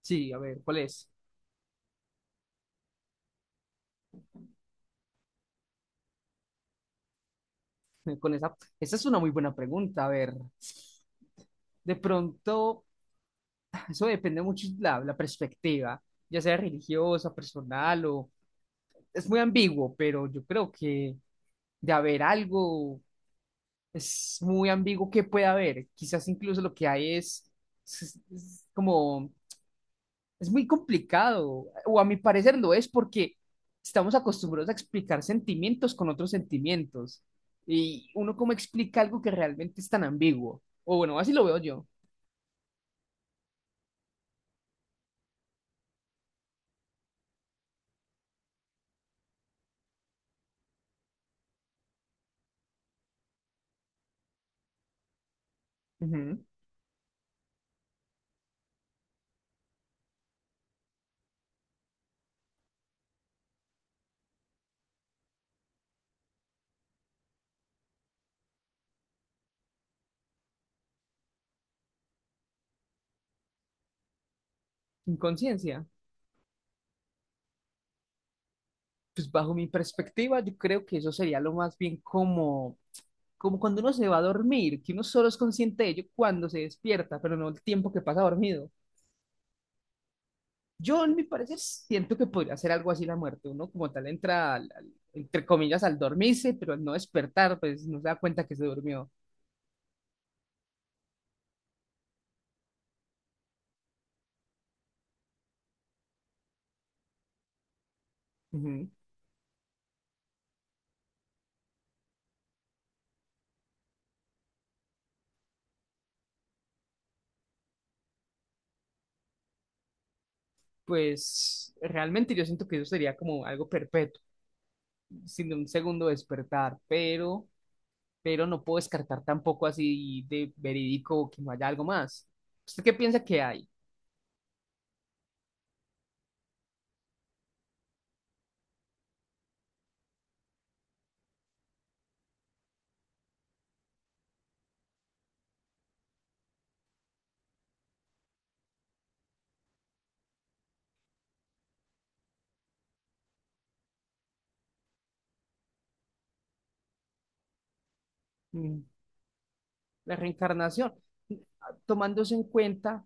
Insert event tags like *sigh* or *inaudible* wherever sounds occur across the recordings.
Sí, a ver, ¿cuál es? *laughs* Con esa es una muy buena pregunta. A ver, de pronto, *sighs* eso depende mucho de la perspectiva, ya sea religiosa, personal o... Es muy ambiguo, pero yo creo que de haber algo, es muy ambiguo qué puede haber. Quizás incluso lo que hay es como es muy complicado, o a mi parecer lo es porque estamos acostumbrados a explicar sentimientos con otros sentimientos. Y uno cómo explica algo que realmente es tan ambiguo. O bueno, así lo veo yo. Ujú. Inconsciencia. Pues bajo mi perspectiva, yo creo que eso sería lo más bien como, como cuando uno se va a dormir, que uno solo es consciente de ello cuando se despierta, pero no el tiempo que pasa dormido. Yo, en mi parecer, siento que podría ser algo así la muerte. Uno como tal entra, entre comillas, al dormirse, pero al no despertar, pues no se da cuenta que se durmió. Ujú. Pues realmente yo siento que eso sería como algo perpetuo, sin un segundo despertar, pero no puedo descartar tampoco así de verídico que no haya algo más. ¿Usted qué piensa que hay? Mm, la reencarnación. Tomándose en cuenta,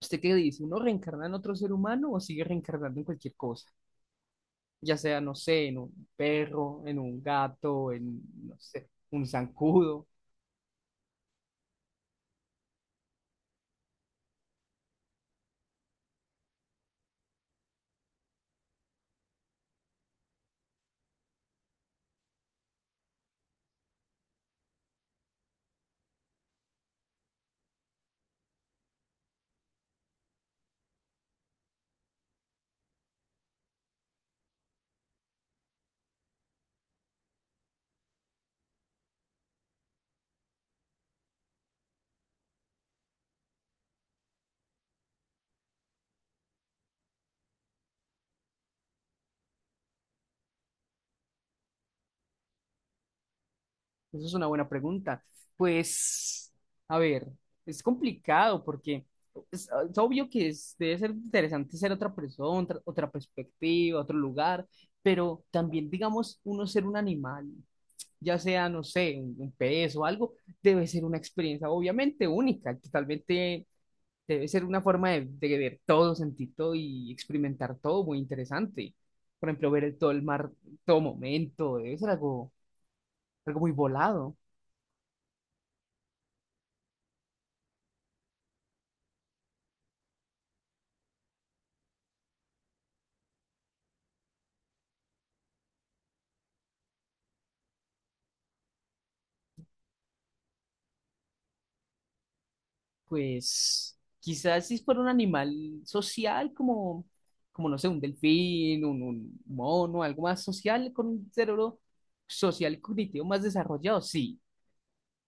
¿usted qué dice? ¿Uno reencarna en otro ser humano o sigue reencarnando en cualquier cosa? Ya sea, no sé, en un perro, en un gato, en, no sé, ¿un zancudo? Esa es una buena pregunta. Pues, a ver, es complicado porque es, ah, es obvio que debe ser interesante ser otra persona, otra perspectiva, otro lugar, pero también, digamos, uno ser un animal, ya sea, no sé, un pez o algo, debe ser una experiencia obviamente única, totalmente. Debe ser una forma de ver todo, sentir todo y experimentar todo muy interesante. Por ejemplo, ver todo el mar, todo momento, debe ser algo, algo muy volado. Pues quizás si fuera un animal social como, como no sé, un delfín, un mono, algo más social, con un cerebro social y cognitivo más desarrollado, sí.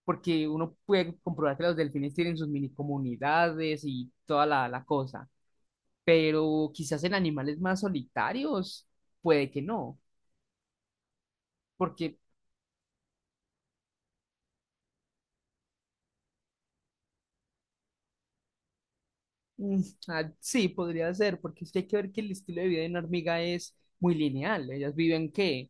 Porque uno puede comprobar que los delfines tienen sus mini comunidades y toda la cosa. Pero quizás en animales más solitarios, puede que no, porque mm, sí, podría ser, porque es que hay que ver que el estilo de vida de una hormiga es muy lineal. Ellas viven que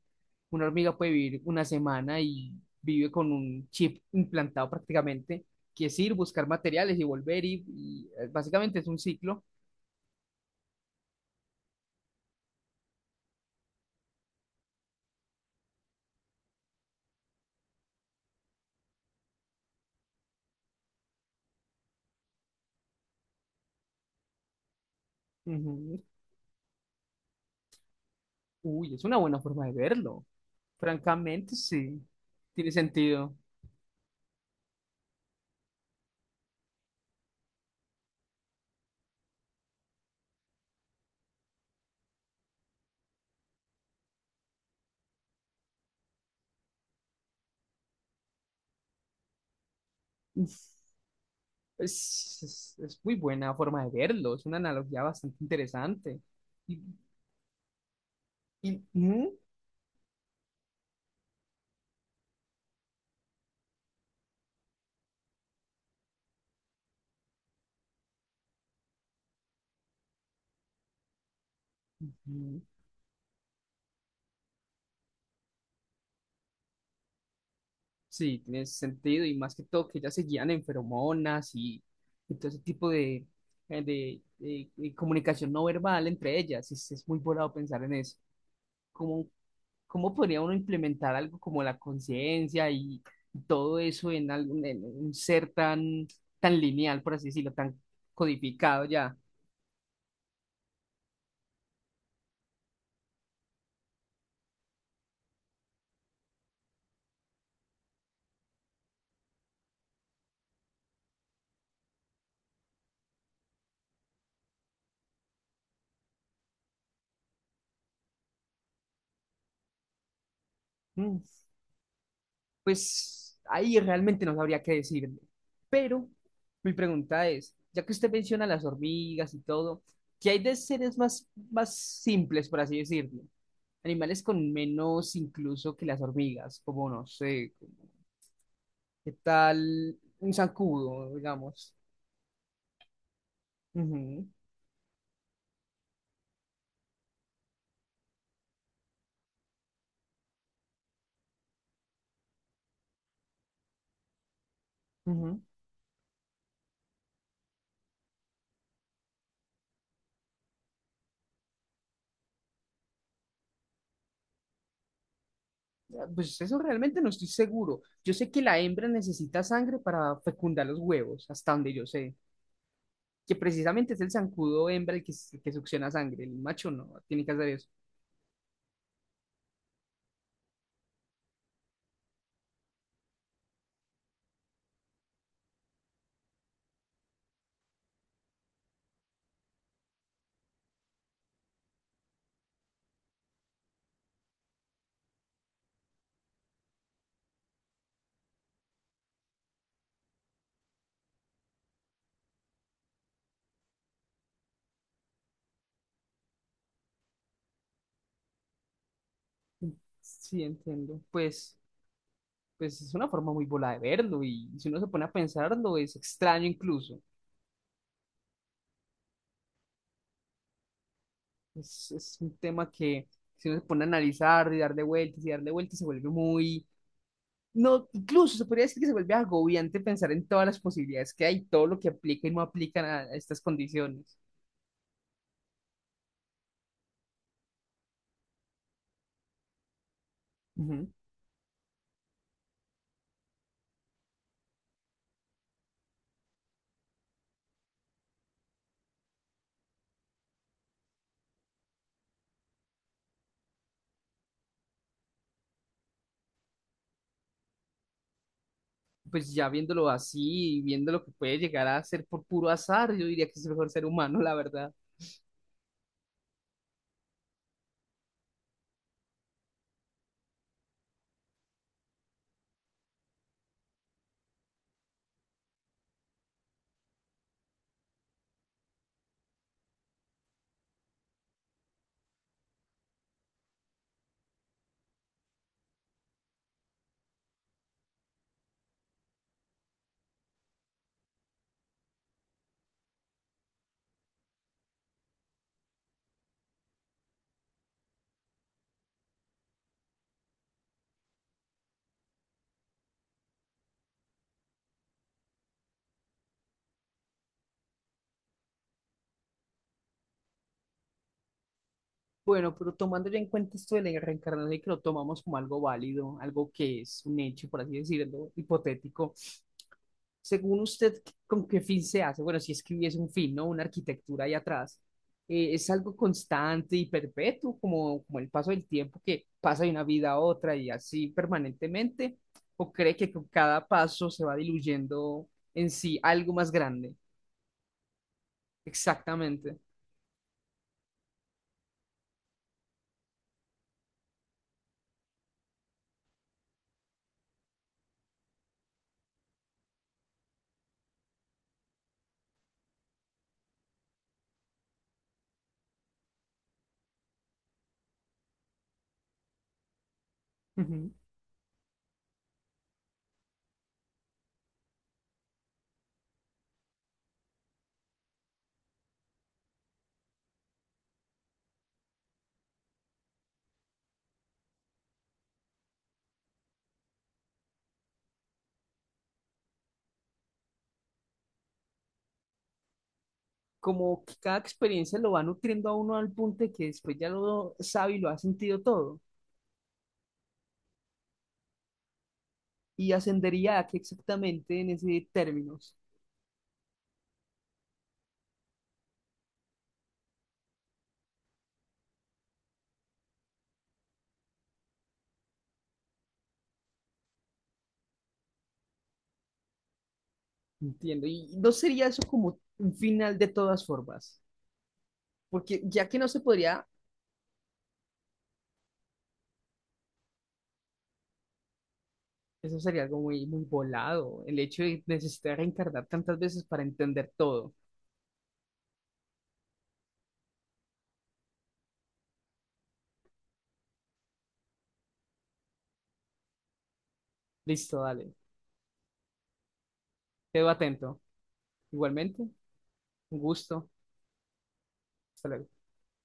una hormiga puede vivir una semana y vive con un chip implantado prácticamente, que es ir, buscar materiales y volver, básicamente es un ciclo. Ujú. Uy, es una buena forma de verlo. Francamente, sí, tiene sentido. Es muy buena forma de verlo, es una analogía bastante interesante. Y, ujú, ujú. Sí, tiene sentido, y más que todo que ellas se guían en feromonas y todo ese tipo de, de comunicación no verbal entre ellas. Es muy volado pensar en eso. ¿Cómo, ¿cómo podría uno implementar algo como la conciencia y todo eso en, algún, en un ser tan, tan lineal, por así decirlo, tan codificado ya? Mm. Pues ahí realmente no sabría qué decirle. Pero mi pregunta es, ya que usted menciona las hormigas y todo, ¿qué hay de seres más, más simples, por así decirlo? Animales con menos incluso que las hormigas, como no sé, como, ¿qué tal un zancudo, digamos? Ujú, ujú. Ah, pues eso realmente no estoy seguro. Yo sé que la hembra necesita sangre para fecundar los huevos, hasta donde yo sé. Que precisamente es el zancudo hembra el que, que succiona sangre, el macho no tiene que hacer eso. Sí, entiendo. Pues es una forma muy bola de verlo y si uno se pone a pensarlo es extraño incluso. Es un tema que si uno se pone a analizar y darle vueltas se vuelve muy... No, incluso se podría decir que se vuelve agobiante pensar en todas las posibilidades que hay, todo lo que aplica y no aplican a estas condiciones. Ujú. Pues ya viéndolo así, y viendo lo que puede llegar a ser por puro azar, yo diría que es el mejor ser humano, la verdad. Bueno, pero tomando ya en cuenta esto de la reencarnación, que lo tomamos como algo válido, algo que es un hecho, por así decirlo, hipotético. Según usted, ¿con qué fin se hace? Bueno, si es que hubiese un fin, ¿no? Una arquitectura ahí atrás. ¿Es algo constante y perpetuo, como, como el paso del tiempo que pasa de una vida a otra y así permanentemente? ¿O cree que con cada paso se va diluyendo en sí algo más grande? Exactamente. Ujú. Como que cada experiencia lo va nutriendo a uno al punto de que después ya lo sabe y lo ha sentido todo. Y ascendería a qué exactamente en ese términos, entiendo. Y no sería eso como un final de todas formas, porque ya que no se podría, eso sería algo muy volado, el hecho de necesitar reencarnar tantas veces para entender todo. Listo, dale. Quedo atento. Igualmente, un gusto. Hasta luego.